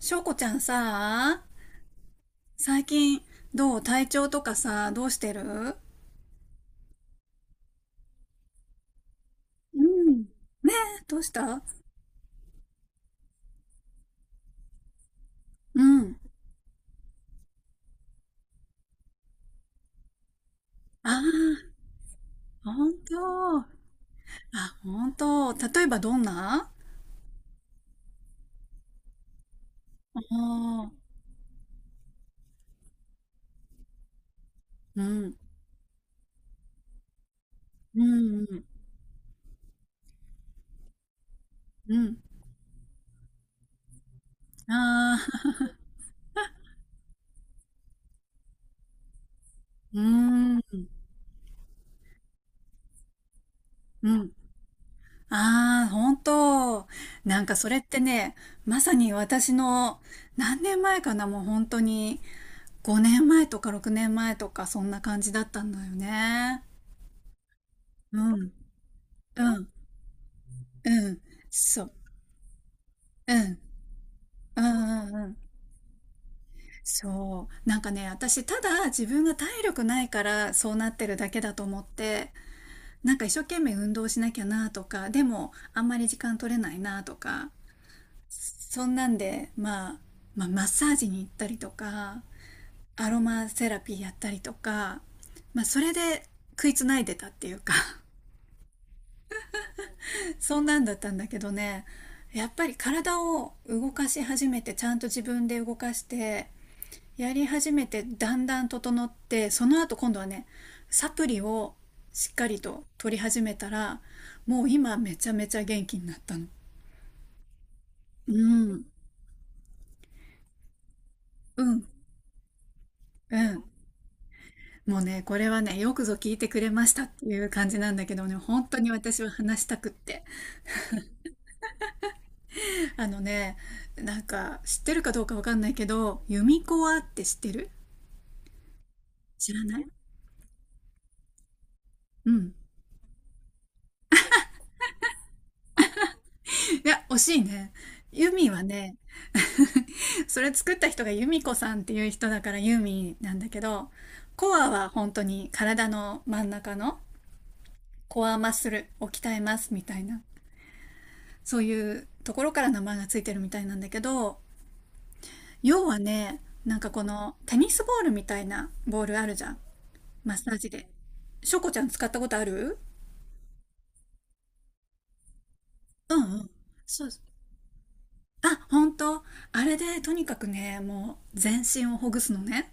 しょうこちゃんさ、最近どう体調とかさ、どうしてる？うん。ねえ、どうした？うん。ああ、ほんと。あ、ほんと。例えばどんな？ああ、うん、うん、うん、うん。ああ、うん、うん。ああ、ほんと。なんかそれってね、まさに私の何年前かな、もう本当に5年前とか6年前とかそんな感じだったんだよね。うん。うん、うん、そう、うん、うんうんうん。そう。なんかね、私、ただ自分が体力ないからそうなってるだけだと思って、なんか一生懸命運動しなきゃなとか、でもあんまり時間取れないなとか、そんなんで、まあ、まあ、マッサージに行ったりとか、アロマセラピーやったりとか、まあ、それで食いつないでたっていうか。 そんなんだったんだけどね、やっぱり体を動かし始めて、ちゃんと自分で動かして、やり始めてだんだん整って、その後今度はね、サプリをしっかりと取り始めたら、もう今めちゃめちゃ元気になったの。うんうんうん。もうねこれはね、よくぞ聞いてくれましたっていう感じなんだけどね、本当に私は話したくって。あのね、なんか知ってるかどうかわかんないけど、ユミコアって知ってる？知らない？うん。いや、惜しいね。ユミはね、 それ作った人がユミコさんっていう人だからユーミンなんだけど、コアは本当に体の真ん中のコアマッスルを鍛えますみたいな、そういうところから名前がついてるみたいなんだけど、要はね、なんかこのテニスボールみたいなボールあるじゃん。マッサージで。しょこちゃん使ったことある？うんうん。そうです。あ、本当？あれでとにかくね、もう全身をほぐすのね。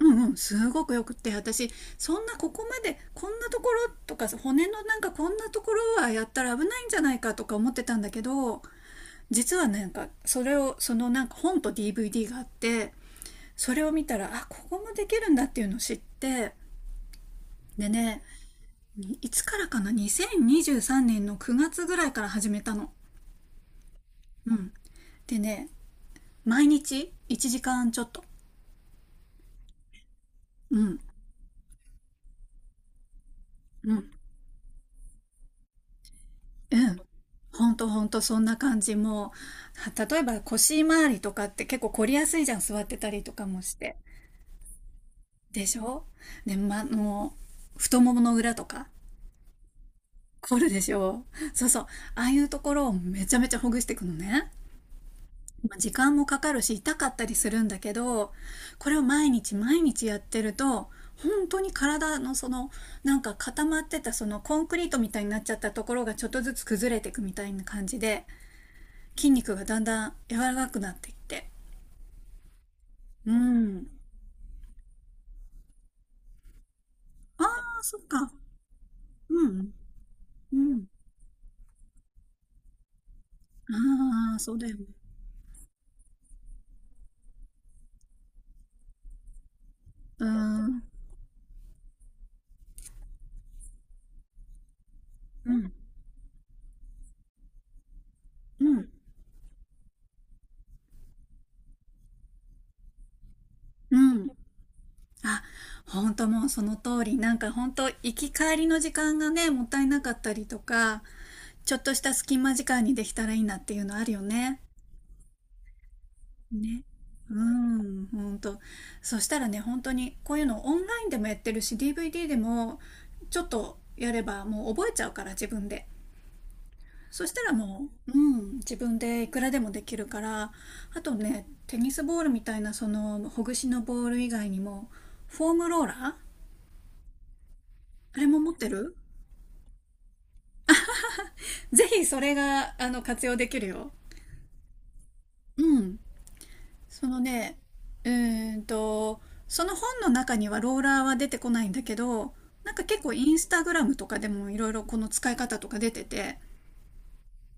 うんうんうん、すごくよくって、私そんな、ここまでこんなところとか骨のなんかこんなところはやったら危ないんじゃないかとか思ってたんだけど、実はなんかそれをそのなんか本と DVD があって、それを見たらあ、ここもできるんだっていうのを知って、でね、いつからかな、2023年の9月ぐらいから始めたの。うん、でね、毎日1時間ちょっと。うんうん、うん。ほんとほんと、そんな感じ。もう、例えば腰回りとかって結構凝りやすいじゃん、座ってたりとかもして。でしょ？で、ま、もう、太ももの裏とか、凝るでしょ？そうそう。ああいうところをめちゃめちゃほぐしていくのね。まあ時間もかかるし、痛かったりするんだけど、これを毎日毎日やってると、本当に体のそのなんか固まってた、そのコンクリートみたいになっちゃったところがちょっとずつ崩れていくみたいな感じで、筋肉がだんだん柔らかくなってきて。うん。ああ、そっか。うん。うん。ああ、そうだよね。うーん。うん。うん。うん。あ、本当もうその通り。なんか本当、行き帰りの時間がね、もったいなかったりとか、ちょっとした隙間時間にできたらいいなっていうのあるよね。ね。うん、本当。そしたらね、本当にこういうのオンラインでもやってるし、DVD でもちょっとやればもう覚えちゃうから、自分で。そしたらもう、うん、自分でいくらでもできるから、あとね、テニスボールみたいなそのほぐしのボール以外にも、フォームローラーあれも持ってる？ぜひそれが、あの、活用できるよ。うん。そのね、うーんと、その本の中にはローラーは出てこないんだけど、なんか結構インスタグラムとかでもいろいろこの使い方とか出てて、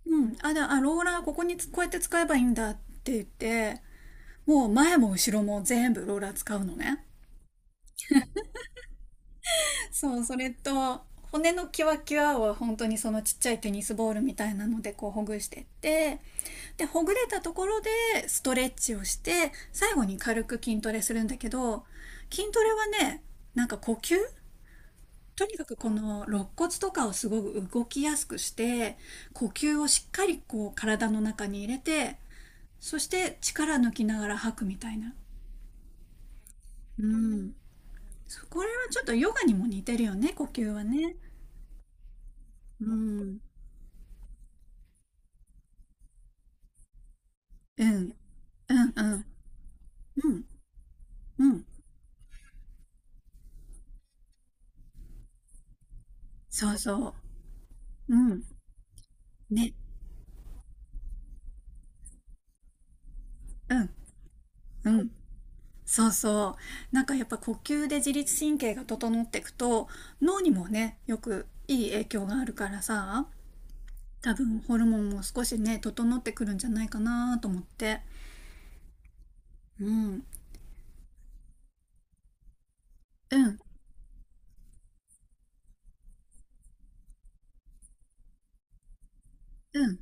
うん、ローラーここにつこう、やって使えばいいんだって言って、もう前も後ろも全部ローラー使うのね。そう、それと、骨のキワキワを本当にそのちっちゃいテニスボールみたいなのでこうほぐしてって、で、ほぐれたところでストレッチをして、最後に軽く筋トレするんだけど、筋トレはね、なんか呼吸、とにかくこの肋骨とかをすごく動きやすくして、呼吸をしっかりこう体の中に入れて、そして力抜きながら吐くみたいな。うん。これはちょっとヨガにも似てるよね、呼吸はね。うん、うん、うん、うん、うん、うん、そうそう、うん、ね、うん、うん、そうそう。なんかやっぱ呼吸で自律神経が整っていくと、脳にもね、よくいい影響があるからさ、多分ホルモンも少しね、整ってくるんじゃないかなと思って。うん、うん、うん、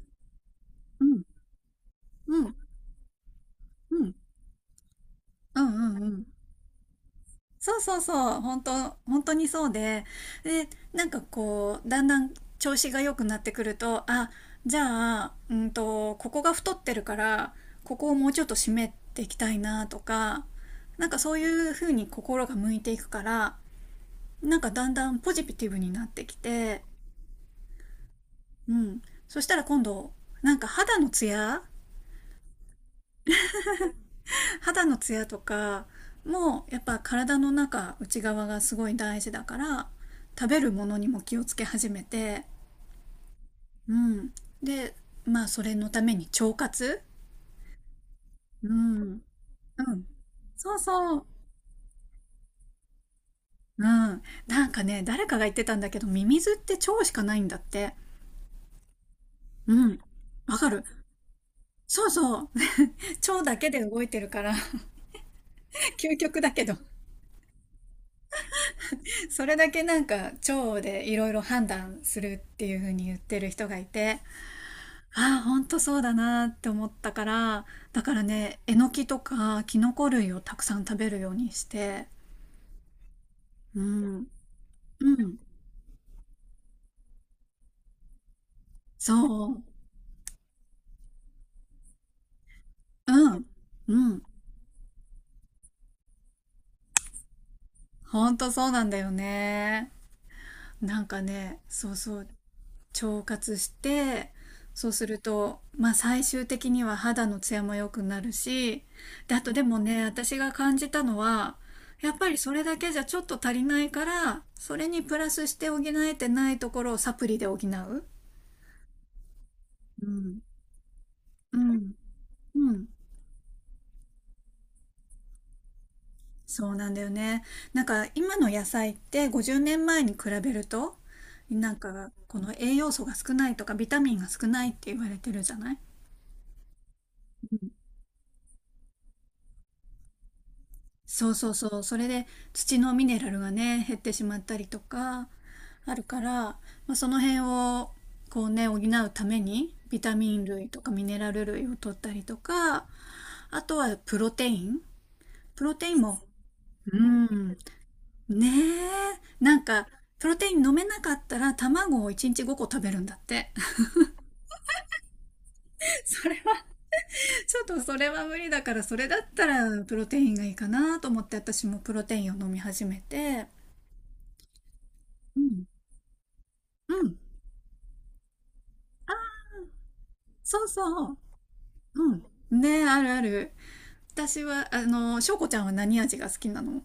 うん、うん、うん、うん、うん、うん、そうそうそう、本当、本当にそうで、で、なんかこう、だんだん調子が良くなってくると、あ、じゃあ、ここが太ってるから、ここをもうちょっと締めていきたいなとか、なんかそういう風に心が向いていくから、なんかだんだんポジティブになってきて、うん。そしたら今度、なんか肌のツヤ、肌のツヤとかもやっぱ体の中、内側がすごい大事だから、食べるものにも気をつけ始めて、うん、で、まあそれのために腸活、うん、うん、そうそう、うん、なんかね、誰かが言ってたんだけど、ミミズって腸しかないんだって、うん、わかる、そうそう、 腸だけで動いてるから、 究極だけど、それだけなんか腸でいろいろ判断するっていう風に言ってる人がいて、ああ、ほんとそうだなって思ったから、だからね、えのきとかキノコ類をたくさん食べるようにして、うん、うん、そう、うん、うん、ほんとそうなんだよね。なんかね、そうそう、腸活して、そうすると、まあ、最終的には肌のツヤも良くなるし、であとでもね、私が感じたのは、やっぱりそれだけじゃちょっと足りないから、それにプラスして補えてないところをサプリで補う。うんうんうん、そうなんだよね。なんか今の野菜って50年前に比べると、なんかこの栄養素が少ないとかビタミンが少ないって言われてるじゃない。そうそうそう。それで土のミネラルがね、減ってしまったりとか、あるから、まあ、その辺をこうね、補うために、ビタミン類とかミネラル類を取ったりとか、あとはプロテイン。プロテインも、うん、ねえ、なんか、プロテイン飲めなかったら卵を1日5個食べるんだって。それは、ちょっとそれは無理だから、それだったらプロテインがいいかなと思って、私もプロテインを飲み始めて、うん、うん。そうそう。うん。ね、あるある。私は、あの、しょうこちゃんは何味が好きなの？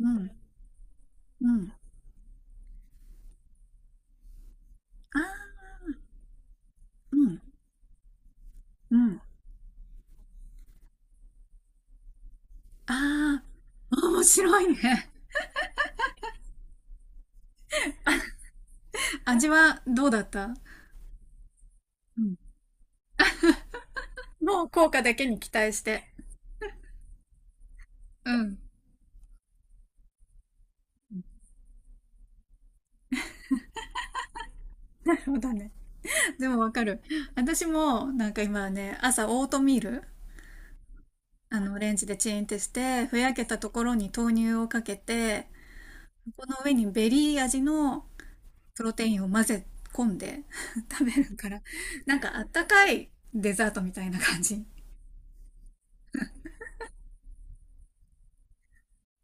うん。うん。ああ、うん。うん。ああ、面白いね。味はどうだった？うん。もう効果だけに期待して。うん。なるほどね。でもわかる。私も、なんか今ね、朝オートミール、あの、レンジでチンってして、ふやけたところに豆乳をかけて、この上にベリー味のプロテインを混ぜ込んで、 食べるから、なんかあったかいデザートみたいな感じ。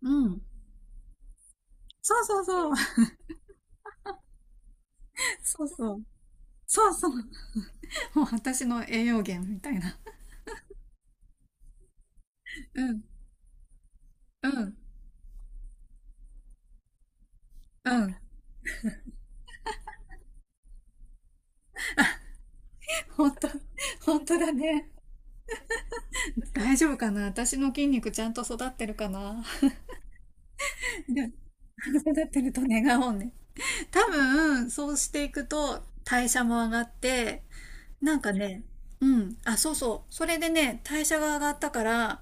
うん。そうそうそう。そうそう。そうそう。もう私の栄養源みたいな。うん。うん。うん。本当、本当だね。大丈夫かな、私の筋肉ちゃんと育ってるかな？で、育ってると願おうね。多分、そうしていくと代謝も上がって、なんかね、うん、あ、そうそう、それでね、代謝が上がったから、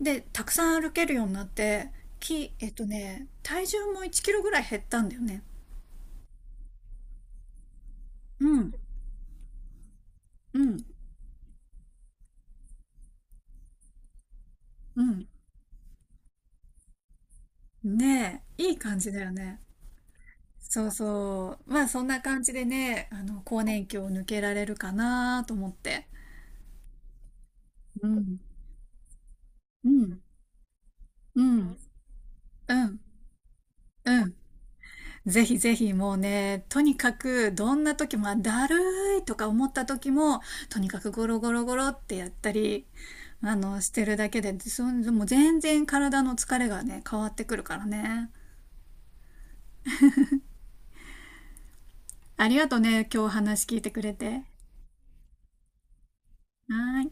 で、たくさん歩けるようになって、き、えっとね、体重も1キロぐらい減ったんだよね。うん、うん、うん。ねえ、いい感じだよね。そうそう。まあそんな感じでね、あの、更年期を抜けられるかなと思って。うん、うん、うん、うん、うん。ぜひぜひもうね、とにかくどんな時も、まあだるいとか思った時も、とにかくゴロゴロゴロってやったり、あの、してるだけで、もう全然体の疲れがね、変わってくるからね。ありがとうね、今日話聞いてくれて。はーい。